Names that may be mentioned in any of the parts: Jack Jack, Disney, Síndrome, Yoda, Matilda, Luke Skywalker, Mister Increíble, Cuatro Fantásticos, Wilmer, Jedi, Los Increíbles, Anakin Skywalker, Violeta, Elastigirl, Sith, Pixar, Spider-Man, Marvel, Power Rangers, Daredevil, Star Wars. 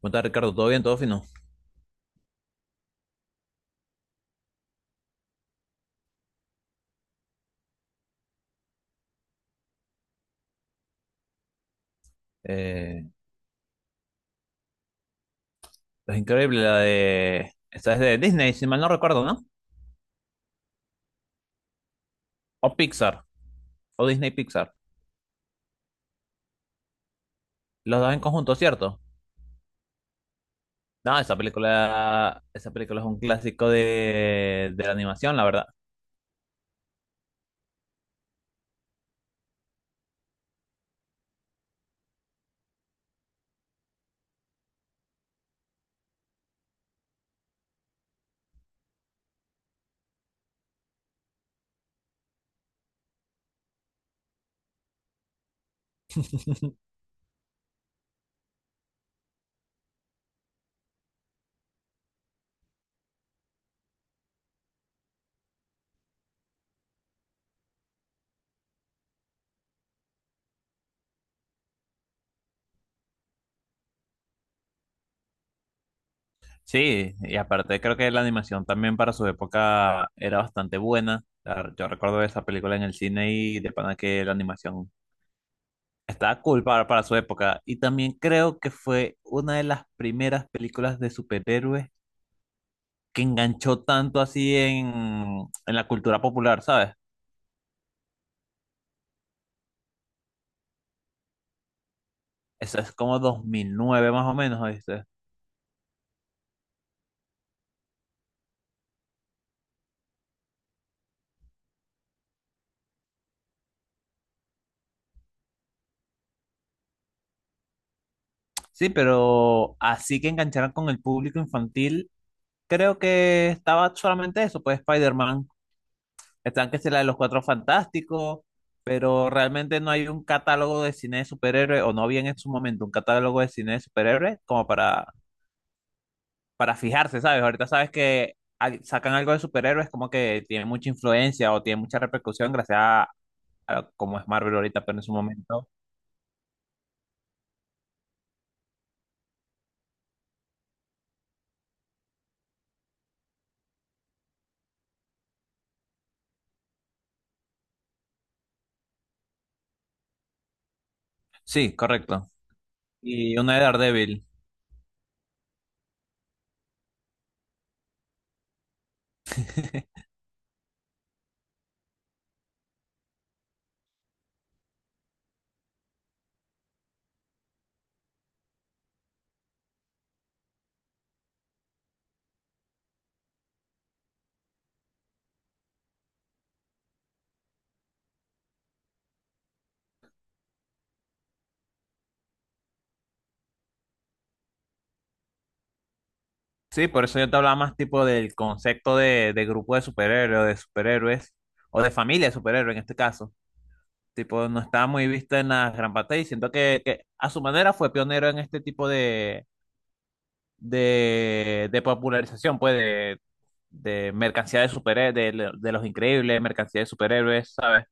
¿Cómo estás, Ricardo? ¿Todo bien? ¿Todo fino? Eh, es increíble la de... Esta es de Disney, si mal no recuerdo, ¿no? O Pixar, o Disney Pixar. Los dos en conjunto, ¿cierto? No, esa película es un clásico de la animación, la verdad. Sí, y aparte creo que la animación también para su época era bastante buena. Yo recuerdo esa película en el cine y de pana que la animación estaba cool para su época. Y también creo que fue una de las primeras películas de superhéroes que enganchó tanto así en la cultura popular, ¿sabes? Eso es como 2009 más o menos, ¿viste? Sí, pero así que engancharan con el público infantil, creo que estaba solamente eso, pues Spider-Man, están que es la de los Cuatro Fantásticos, pero realmente no hay un catálogo de cine de superhéroes, o no había en su momento un catálogo de cine de superhéroes como para fijarse, ¿sabes? Ahorita sabes que sacan algo de superhéroes como que tiene mucha influencia o tiene mucha repercusión gracias a cómo es Marvel ahorita, pero en su momento. Sí, correcto. Y una de Daredevil. Sí, por eso yo te hablaba más tipo del concepto de grupo de superhéroes, o de superhéroes, o de familia de superhéroes en este caso. Tipo, no estaba muy vista en las gran pantalla y siento que a su manera fue pionero en este tipo de popularización, pues, de mercancía de superhéroes, de los increíbles, mercancía de superhéroes, ¿sabes?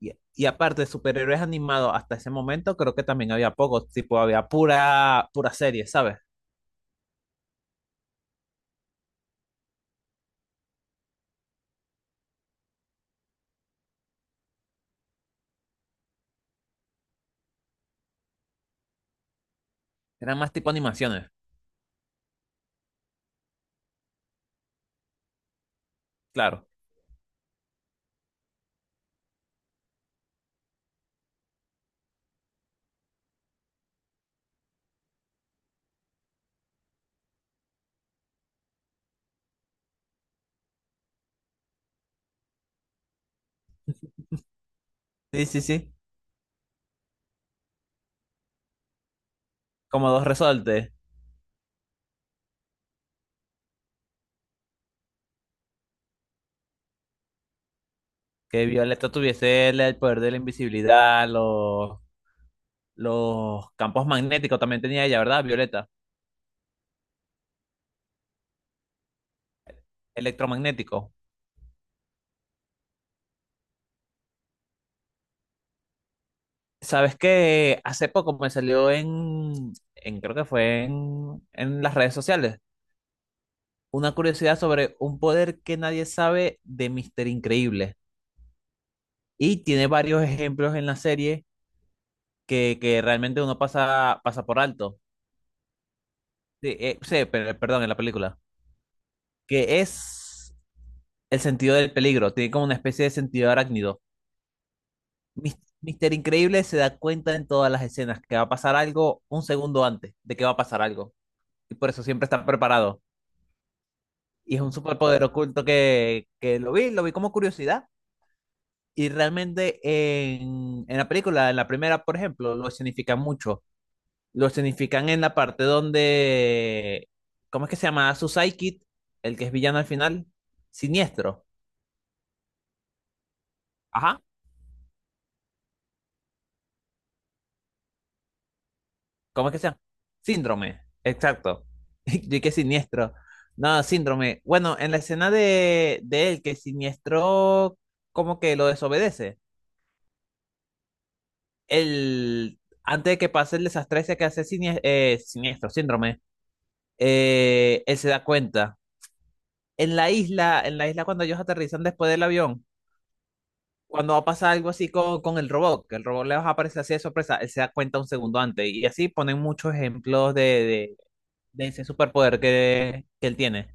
Y aparte de superhéroes animados, hasta ese momento creo que también había pocos, tipo, había pura, pura serie, ¿sabes? Eran más tipo animaciones, claro. Sí, sí, sí. Como dos resortes, que Violeta tuviese el poder de la invisibilidad, los campos magnéticos también tenía ella, ¿verdad? Violeta, Electromagnético. Sabes que hace poco me salió en creo que fue en las redes sociales, una curiosidad sobre un poder que nadie sabe de Mister Increíble. Y tiene varios ejemplos en la serie que realmente uno pasa, pasa por alto. Sí, sí, perdón, en la película. Que es el sentido del peligro. Tiene como una especie de sentido arácnido. Mister Increíble se da cuenta en todas las escenas que va a pasar algo un segundo antes de que va a pasar algo. Y por eso siempre está preparado. Y es un superpoder oculto que lo vi como curiosidad. Y realmente en la película, en la primera, por ejemplo, lo significan mucho. Lo significan en la parte donde, ¿cómo es que se llama? Su sidekick, el que es villano al final, siniestro. Ajá. ¿Cómo es que se llama? Síndrome, exacto. Yo que siniestro. No, síndrome. Bueno, en la escena de él, que siniestro como que lo desobedece. El, antes de que pase el desastre ese que hace siniestro, síndrome, él se da cuenta. En la isla cuando ellos aterrizan después del avión, cuando va a pasar algo así con el robot, que el robot les va a aparecer así de sorpresa, él se da cuenta un segundo antes. Y así ponen muchos ejemplos de ese superpoder que él tiene.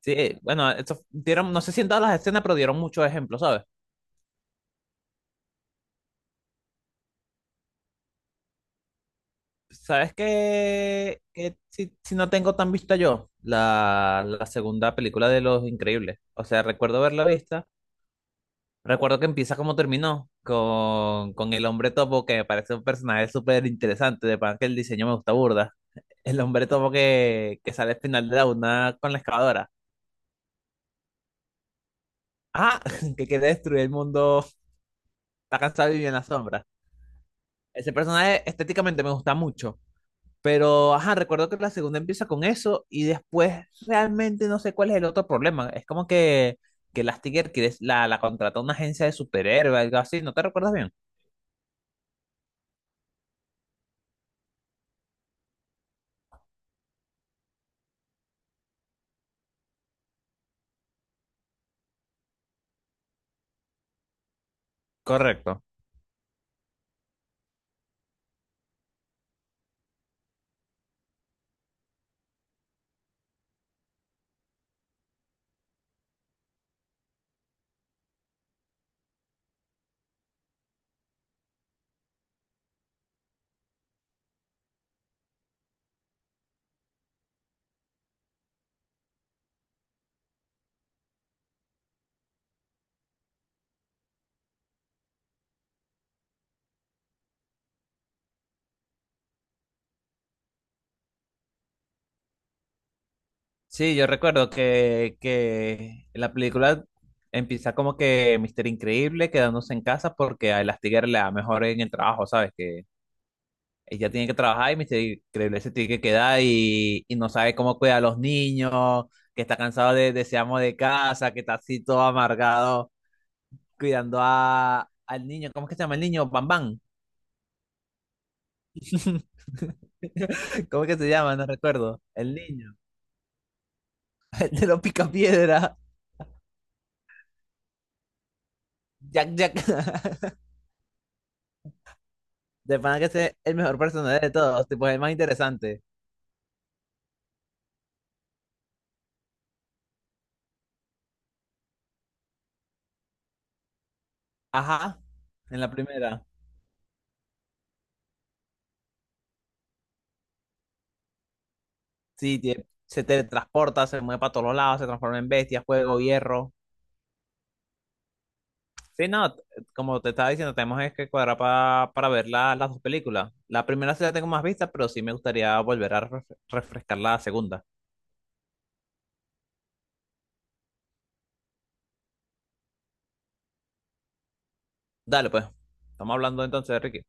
Sí, bueno, eso, dieron, no sé si en todas las escenas, pero dieron muchos ejemplos, ¿sabes? ¿Sabes qué? Qué si, si no tengo tan vista yo, la segunda película de Los Increíbles. O sea, recuerdo verla vista, recuerdo que empieza como terminó, con el hombre topo, que me parece un personaje súper interesante, de pan que el diseño me gusta burda. El hombre topo que sale al final de la una con la excavadora. Ah, que quiere destruir el mundo, está cansado de vivir en la sombra. Ese personaje estéticamente me gusta mucho. Pero, ajá, recuerdo que la segunda empieza con eso y después realmente no sé cuál es el otro problema. Es como que la, la contrató una agencia de superhéroes, algo así, ¿no te recuerdas bien? Correcto. Sí, yo recuerdo que la película empieza como que Mister Increíble quedándose en casa porque a Elastigirl le da mejor en el trabajo, ¿sabes? Que ella tiene que trabajar y mister Increíble se tiene que quedar y no sabe cómo cuidar a los niños, que está cansado de ese amo de casa, que está así todo amargado cuidando a, al niño. ¿Cómo es que se llama el niño? Bam Bam. ¿Cómo es que se llama? No recuerdo. El niño. El de los picapiedra. Jack Jack. De pana que ese es el mejor personaje de todos. Tipo, es el más interesante. Ajá. En la primera. Sí, se teletransporta, se mueve para todos lados, se transforma en bestia, fuego, hierro. Sí, no, como te estaba diciendo, tenemos es que cuadrar para ver las dos películas. La primera sí la tengo más vista, pero sí me gustaría volver a refrescar la segunda. Dale, pues. Estamos hablando entonces, Ricky.